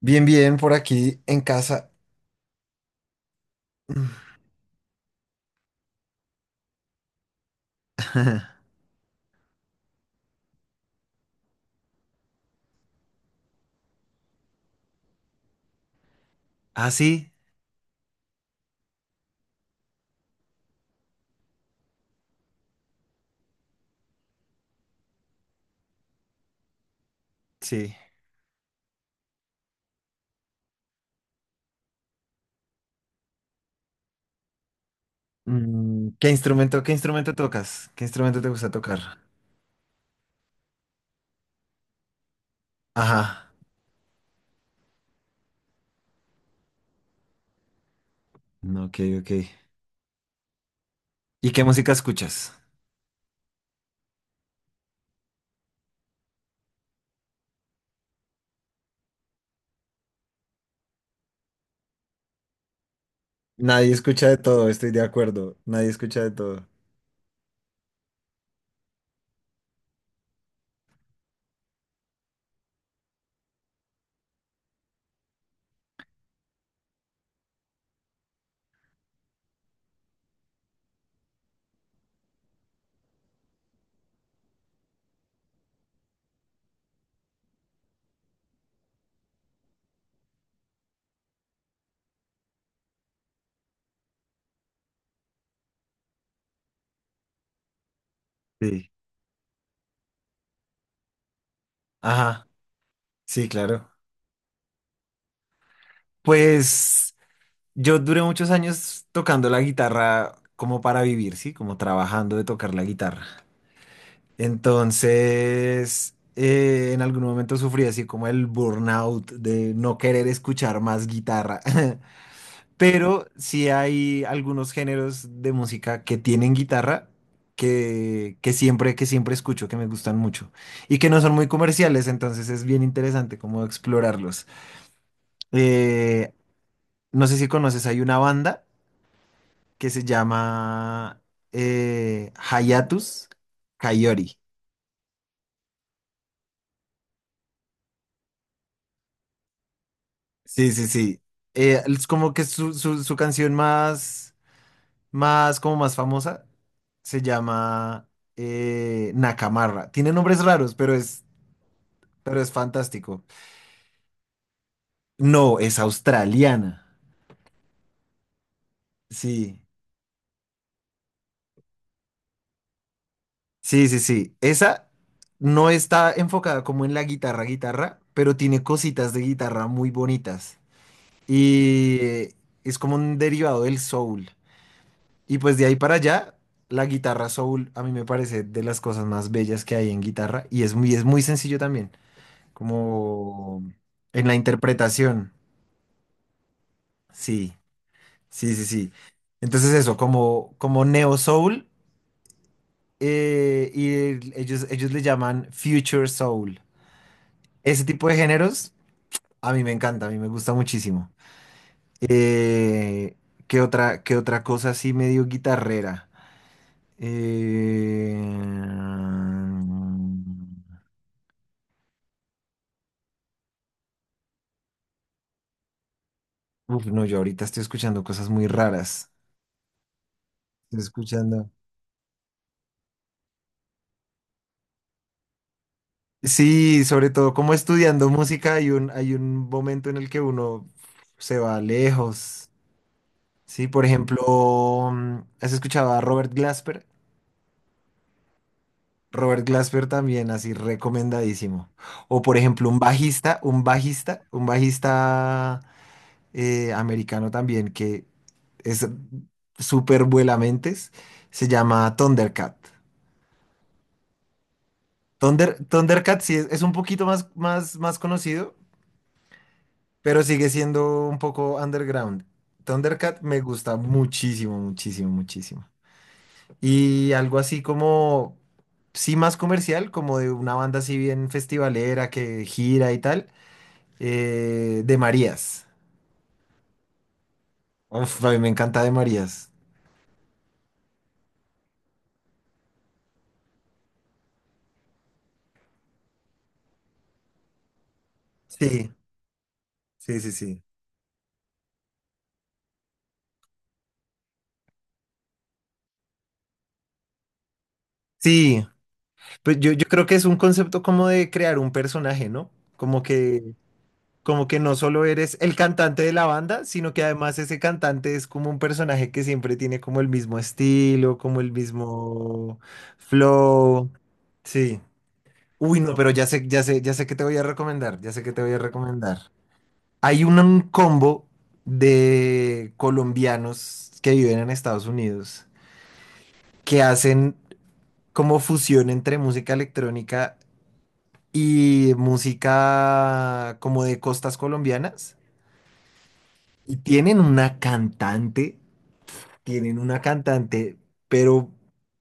Bien, bien, por aquí en casa. Mm. Ah, sí, sí. Qué instrumento tocas? ¿Qué instrumento te gusta tocar? Ajá. no, Ok, ok. ¿Y qué música escuchas? Nadie escucha de todo, estoy de acuerdo. Nadie escucha de todo. Sí. Ajá. Sí, claro. Pues yo duré muchos años tocando la guitarra como para vivir, ¿sí? Como trabajando de tocar la guitarra. Entonces, en algún momento sufrí así como el burnout de no querer escuchar más guitarra. Pero sí hay algunos géneros de música que tienen guitarra que siempre, que siempre escucho, que me gustan mucho y que no son muy comerciales, entonces es bien interesante como explorarlos. Eh, no sé si conoces, hay una banda que se llama Hayatus Kaiori. Sí, sí, sí. Es como que su canción más, más, como más famosa se llama Nakamarra. Tiene nombres raros, pero es fantástico. No, es australiana. Sí, sí, sí, sí. Esa no está enfocada como en la guitarra, guitarra, pero tiene cositas de guitarra muy bonitas. Y es como un derivado del soul. Y pues de ahí para allá, la guitarra soul a mí me parece de las cosas más bellas que hay en guitarra y es muy sencillo también, como en la interpretación. Sí, sí, sí, sí. Entonces eso, como, como neo soul ellos, ellos le llaman future soul. Ese tipo de géneros a mí me encanta, a mí me gusta muchísimo. Eh, qué otra cosa así medio guitarrera? Eh, Uf, no, yo ahorita estoy escuchando cosas muy raras. Estoy escuchando. Sí, sobre todo como estudiando música hay un momento en el que uno se va lejos. Sí, por ejemplo, mm, ¿has escuchado a Robert Glasper? Robert Glasper también, así recomendadísimo. O por ejemplo, un bajista americano también que es súper vuelamentes, se llama Thundercat. Thundercat sí es un poquito más conocido, pero sigue siendo un poco underground. Thundercat me gusta muchísimo, muchísimo, muchísimo. Y algo así como, sí más comercial, como de una banda así bien festivalera que gira y tal, de Marías. Uf, a mí me encanta de Marías. Sí, sí, sí, sí. Sí, pues yo creo que es un concepto como de crear un personaje, ¿no? Como que Como que no solo eres el cantante de la banda, sino que además ese cantante es como un personaje que siempre tiene como el mismo estilo, como el mismo flow. Sí. Uy, no, pero ya sé, ya sé, ya sé que te voy a recomendar, ya sé que te voy a recomendar. Un combo de colombianos que viven en Estados Unidos que hacen como fusión entre música electrónica y música como de costas colombianas. Y tienen una cantante, pero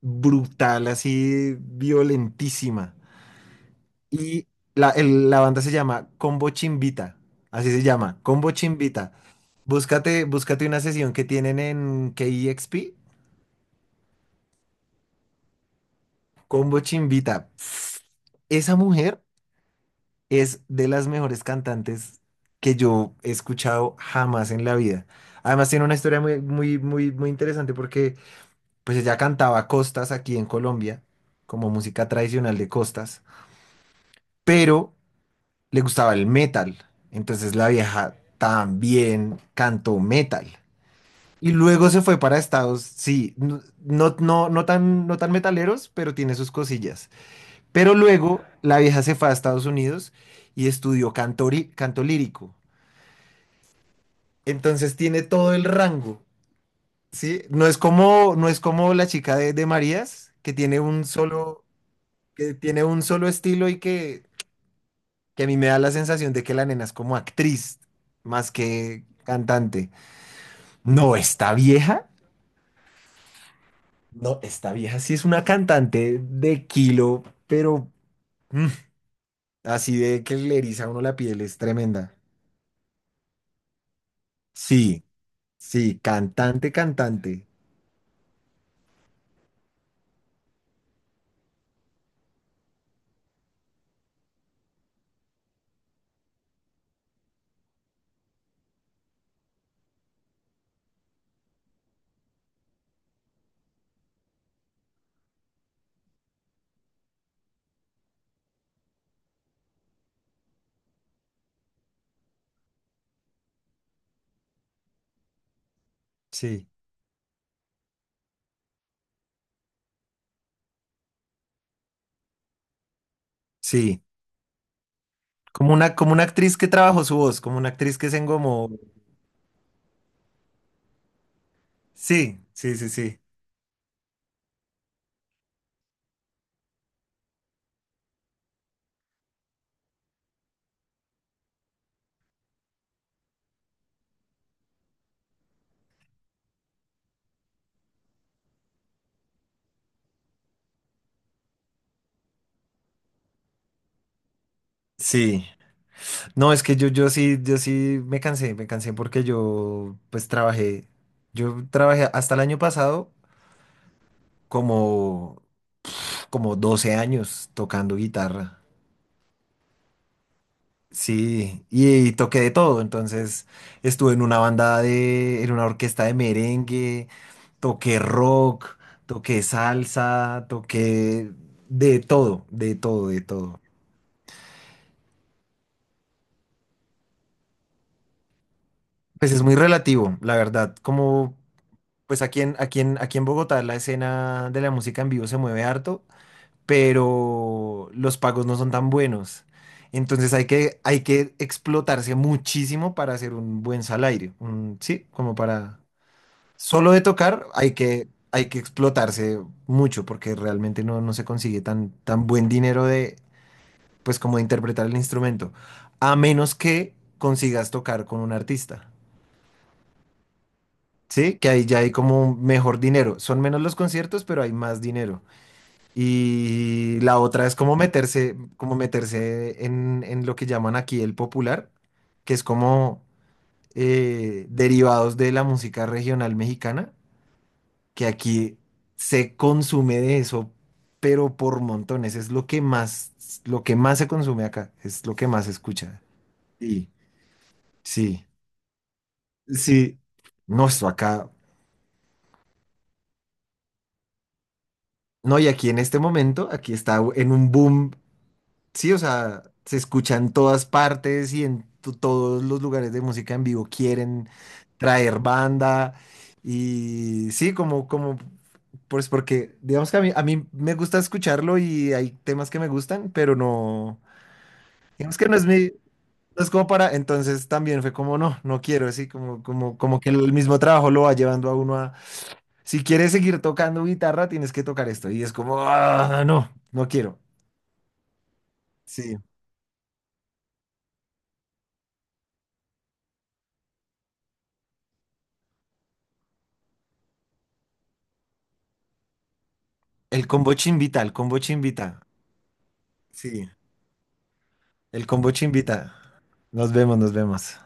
brutal, así violentísima. Y la banda se llama Combo Chimbita, así se llama, Combo Chimbita. Búscate, búscate una sesión que tienen en KEXP, Combo Chimbita. Esa mujer es de las mejores cantantes que yo he escuchado jamás en la vida. Además tiene una historia muy, muy, muy, muy interesante porque pues ella cantaba costas aquí en Colombia, como música tradicional de costas, pero le gustaba el metal. Entonces la vieja también cantó metal. Y luego se fue para Estados, sí, no, no, no, no tan, no tan metaleros, pero tiene sus cosillas. Pero luego la vieja se fue a Estados Unidos y estudió canto, canto lírico. Entonces tiene todo el rango, ¿sí? No es como, no es como la chica de Marías, que tiene un solo, que tiene un solo estilo y que a mí me da la sensación de que la nena es como actriz más que cantante. No, esta vieja, no, esta vieja sí es una cantante de kilo, pero mm, así de que le eriza a uno la piel, es tremenda. Sí, sí, cantante, cantante. Sí, sí. Como una actriz que trabajó su voz, como una actriz que se engomó. Sí, sí, sí, sí. Sí. No, es que yo sí, yo sí me cansé porque yo pues trabajé, yo trabajé hasta el año pasado como, como 12 años tocando guitarra. Sí, y toqué de todo, entonces estuve en en una orquesta de merengue, toqué rock, toqué salsa, toqué de todo, de todo, de todo. Pues es muy relativo, la verdad, como pues aquí en Bogotá la escena de la música en vivo se mueve harto, pero los pagos no son tan buenos. Entonces hay que explotarse muchísimo para hacer un buen salario. Sí, como para... Solo de tocar hay que explotarse mucho porque realmente no, no se consigue tan, tan buen dinero de, pues como de interpretar el instrumento, a menos que consigas tocar con un artista. Sí, que ahí ya hay como un mejor dinero. Son menos los conciertos, pero hay más dinero. Y la otra es como como meterse en lo que llaman aquí el popular, que es como derivados de la música regional mexicana, que aquí se consume de eso, pero por montones. Es lo que más se consume acá, es lo que más se escucha. Sí, sí, sí. No, esto acá. No, y aquí en este momento, aquí está en un boom. Sí, o sea, se escucha en todas partes y en todos los lugares de música en vivo quieren traer banda. Y sí, como, como, pues porque, digamos que a a mí me gusta escucharlo y hay temas que me gustan, pero no, digamos que no es mi, no es como para, entonces también fue como, no, no quiero, así como que el mismo trabajo lo va llevando a uno a, si quieres seguir tocando guitarra, tienes que tocar esto. Y es como, ah, no, no quiero. Sí. El combo chimbita, el combo chimbita. Sí, el kombucha invita. Nos vemos, nos vemos.